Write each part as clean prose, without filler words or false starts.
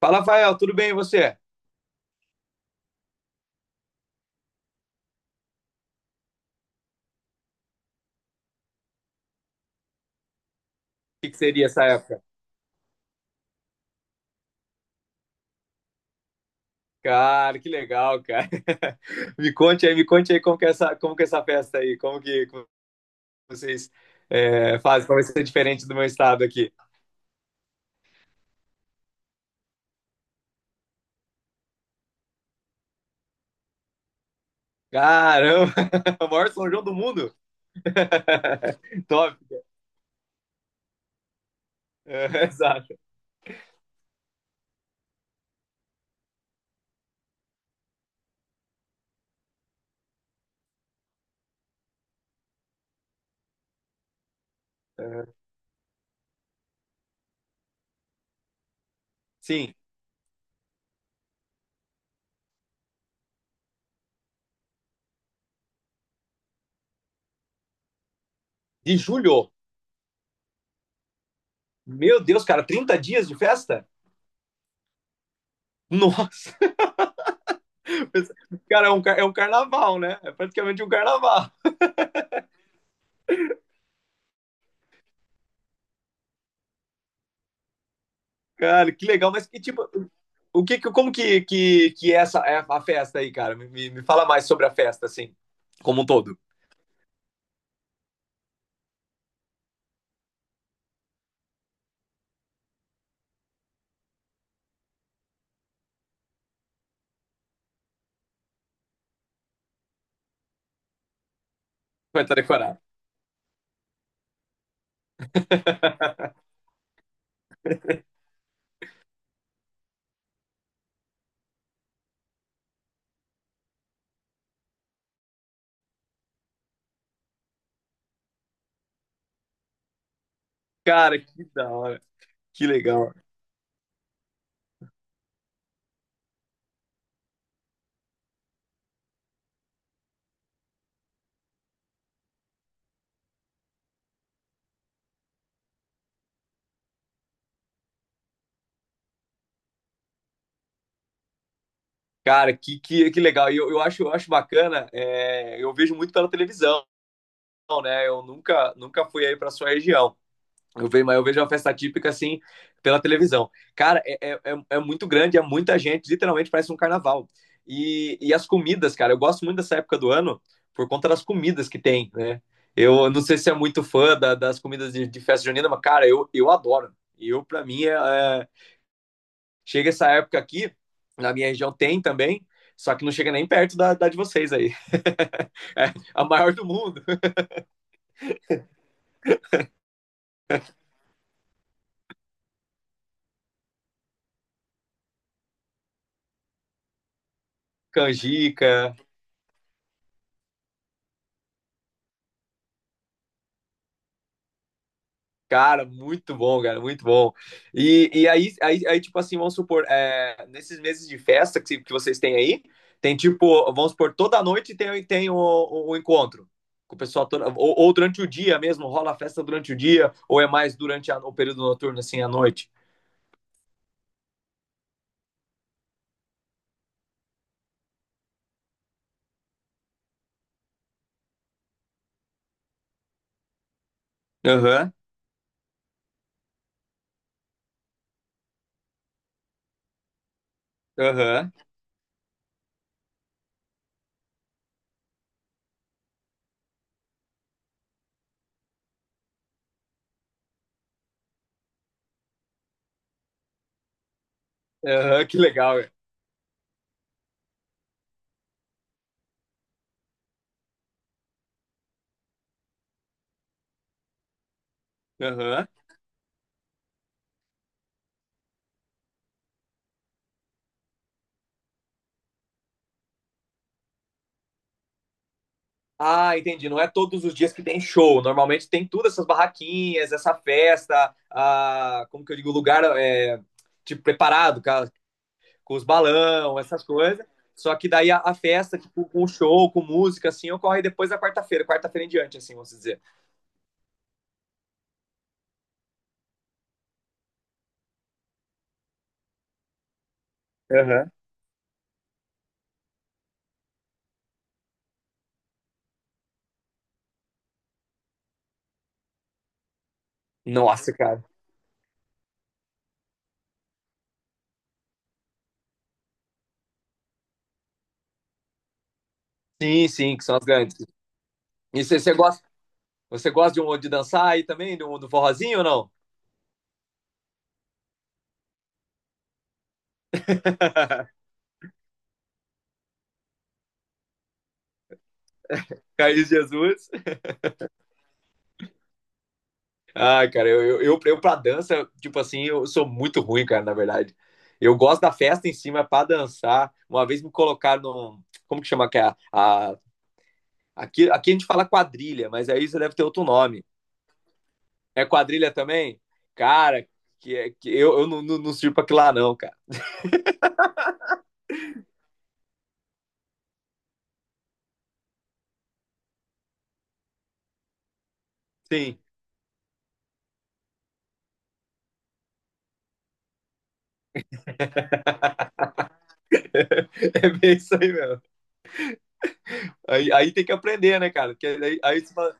Fala, Rafael, tudo bem e você? O que seria essa época? Cara, que legal, cara. Me conte aí como que é essa, como que é essa festa aí, como que, como vocês fazem, como vai ser diferente do meu estado aqui. Caramba, o maior São João do mundo. Top. É, exato. É. Sim, de julho. Meu Deus, cara, 30 dias de festa? Nossa. Cara, é um carnaval, né? É praticamente um carnaval. Cara, que legal, mas que tipo, o que, que- como que é essa é a festa aí, cara? Me fala mais sobre a festa, assim, como um todo. Vai estar decorado. Cara, que da hora, que legal. Cara, que legal. E eu acho, eu acho bacana, é, eu vejo muito pela televisão, né? Eu nunca fui aí pra sua região. Eu vejo, mas eu vejo uma festa típica assim pela televisão. Cara, é muito grande, é muita gente, literalmente parece um carnaval. E as comidas, cara, eu gosto muito dessa época do ano por conta das comidas que tem, né? Eu não sei se é muito fã das comidas de festa junina, mas, cara, eu adoro. Eu, para mim, chega essa época aqui, na minha região tem também, só que não chega nem perto da de vocês aí. É a maior do mundo. Canjica, cara, muito bom, cara, muito bom. E aí, tipo assim, vamos supor, é, nesses meses de festa que vocês têm aí, tem tipo, vamos supor, toda noite tem, tem o encontro com o pessoal, toda, ou durante o dia mesmo, rola a festa durante o dia, ou é mais durante a- o período noturno, assim, à noite? Aham, aham, aham, que legal, velho. Aham. Ah, entendi, não é todos os dias que tem show, normalmente tem tudo, essas barraquinhas, essa festa, ah, como que eu digo, lugar, é, tipo, preparado, com os balão, essas coisas. Só que daí a festa, tipo, com show, com música, assim, ocorre depois da quarta-feira, quarta-feira em diante, assim, vamos dizer. Aham. Nossa, cara. Sim, sim, que são as grandes. E você gosta de, um, de dançar aí também, do forrozinho ou não? Carlos Jesus. Ai, cara, eu pra dança, tipo assim, eu sou muito ruim, cara, na verdade. Eu gosto da festa em cima, pra dançar. Uma vez me colocaram num. Como que chama? Que é aqui, aqui a gente fala quadrilha, mas aí você deve ter outro nome. É quadrilha também? Cara, que eu, eu não não, sirvo pra que lá, não, cara. Sim, é bem isso aí mesmo. Aí tem que aprender, né, cara? Porque você fala-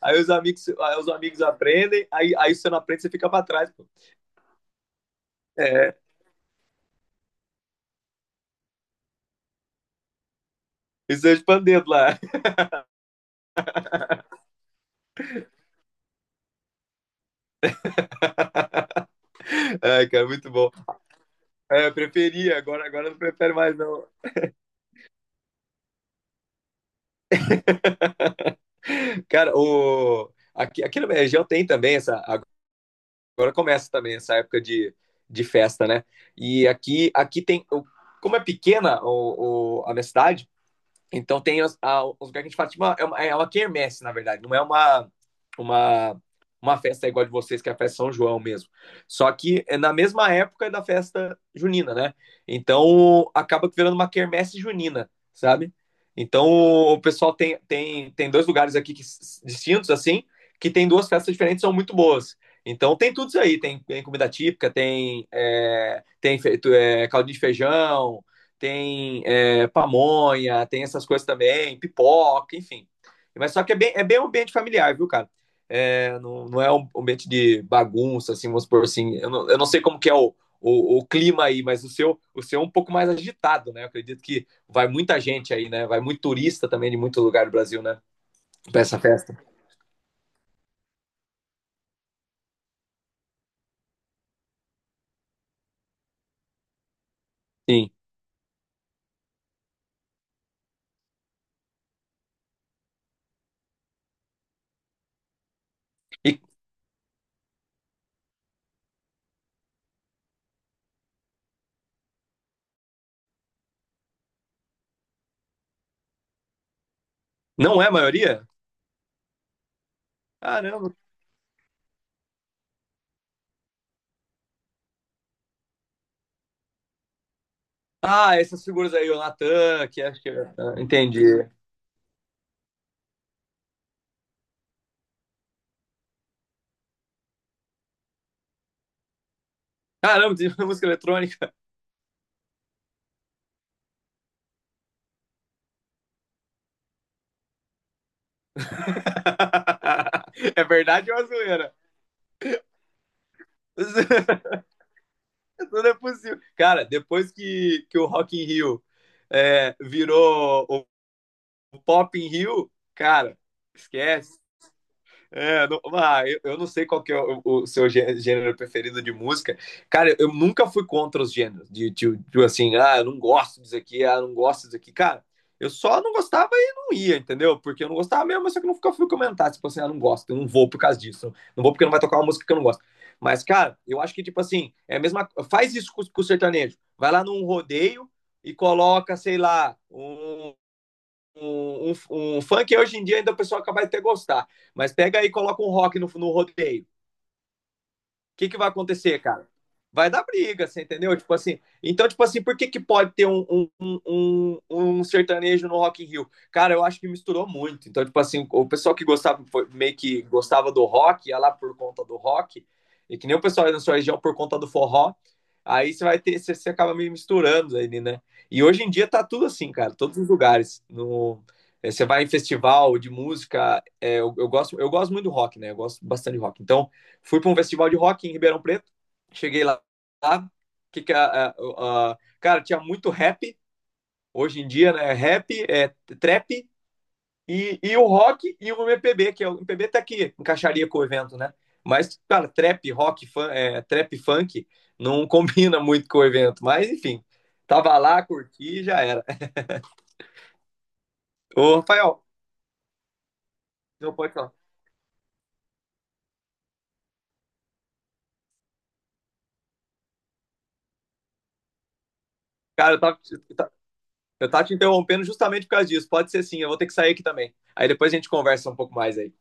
aí os amigos aprendem, aí você não aprende, você fica pra trás, pô. É, isso é expandido lá. Ai, cara, muito bom. É, eu preferia, agora eu não prefere mais, não. Cara, o, aqui na minha região tem também essa. Agora começa também essa época de festa, né? E aqui, aqui tem. O como é pequena a minha cidade, então tem os lugares que a gente fala, tipo, é uma quermesse, na verdade. Não é uma, uma festa igual a de vocês, que é a festa São João mesmo. Só que é na mesma época da festa junina, né? Então acaba virando uma quermesse junina, sabe? Então o pessoal tem dois lugares aqui que, distintos, assim, que tem duas festas diferentes, são muito boas. Então tem tudo isso aí, tem comida típica, tem, é, tem feito, é, caldo de feijão, tem é, pamonha, tem essas coisas também, pipoca, enfim. Mas só que é bem um ambiente familiar, viu, cara? É, não é um ambiente de bagunça, assim, vamos supor assim. Eu não sei como que é o clima aí, mas o seu é um pouco mais agitado, né? Eu acredito que vai muita gente aí, né? Vai muito turista também de muito lugar do Brasil, né? Pra essa festa. Sim. E não é a maioria? Caramba. Ah, essas figuras aí, o Natan, que acho que. É, ah, entendi. Caramba, tem música eletrônica. É verdade ou é uma zoeira? Tudo é possível. Cara, depois que o Rock in Rio é, virou o Pop in Rio, cara, esquece. É, não, ah, eu não sei qual que é o seu gê- gênero preferido de música. Cara, eu, nunca fui contra os gêneros. Assim, ah, eu não gosto disso aqui, ah, eu não gosto disso aqui. Cara, eu só não gostava e não ia, entendeu? Porque eu não gostava mesmo, mas só que eu nunca fui comentar. Tipo assim, ah, não gosto, eu não vou por causa disso. Não vou porque não vai tocar uma música que eu não gosto. Mas, cara, eu acho que, tipo assim, é a mesma. Faz isso com o sertanejo. Vai lá num rodeio e coloca, sei lá, um funk hoje em dia ainda o pessoal acaba de ter gostar. Mas pega aí e coloca um rock no rodeio que vai acontecer, cara? Vai dar briga, você entendeu? Tipo assim, então, tipo assim, por que, que pode ter um sertanejo no Rock in Rio? Cara, eu acho que misturou muito. Então, tipo assim, o pessoal que gostava, foi- meio que gostava do rock, ia lá por conta do rock, e que nem o pessoal aí na sua região por conta do forró, aí você vai ter, você, você acaba meio misturando aí né? E hoje em dia tá tudo assim, cara, todos os lugares. No, eh, você vai em festival de música, é eu gosto muito do rock, né? Eu gosto bastante de rock. Então, fui para um festival de rock em Ribeirão Preto, cheguei lá que cara, tinha muito rap, hoje em dia, né? Rap, é, trap, e o rock e o MPB, que é, o MPB tá aqui, encaixaria com o evento, né? Mas, cara, trap, funk, não combina muito com o evento. Mas, enfim, tava lá, curti e já era. Ô, Rafael, não pode falar. Cara, eu tava te interrompendo justamente por causa disso. Pode ser sim, eu vou ter que sair aqui também. Aí depois a gente conversa um pouco mais aí.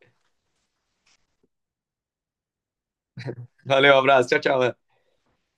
Valeu, um abraço. Tchau, tchau.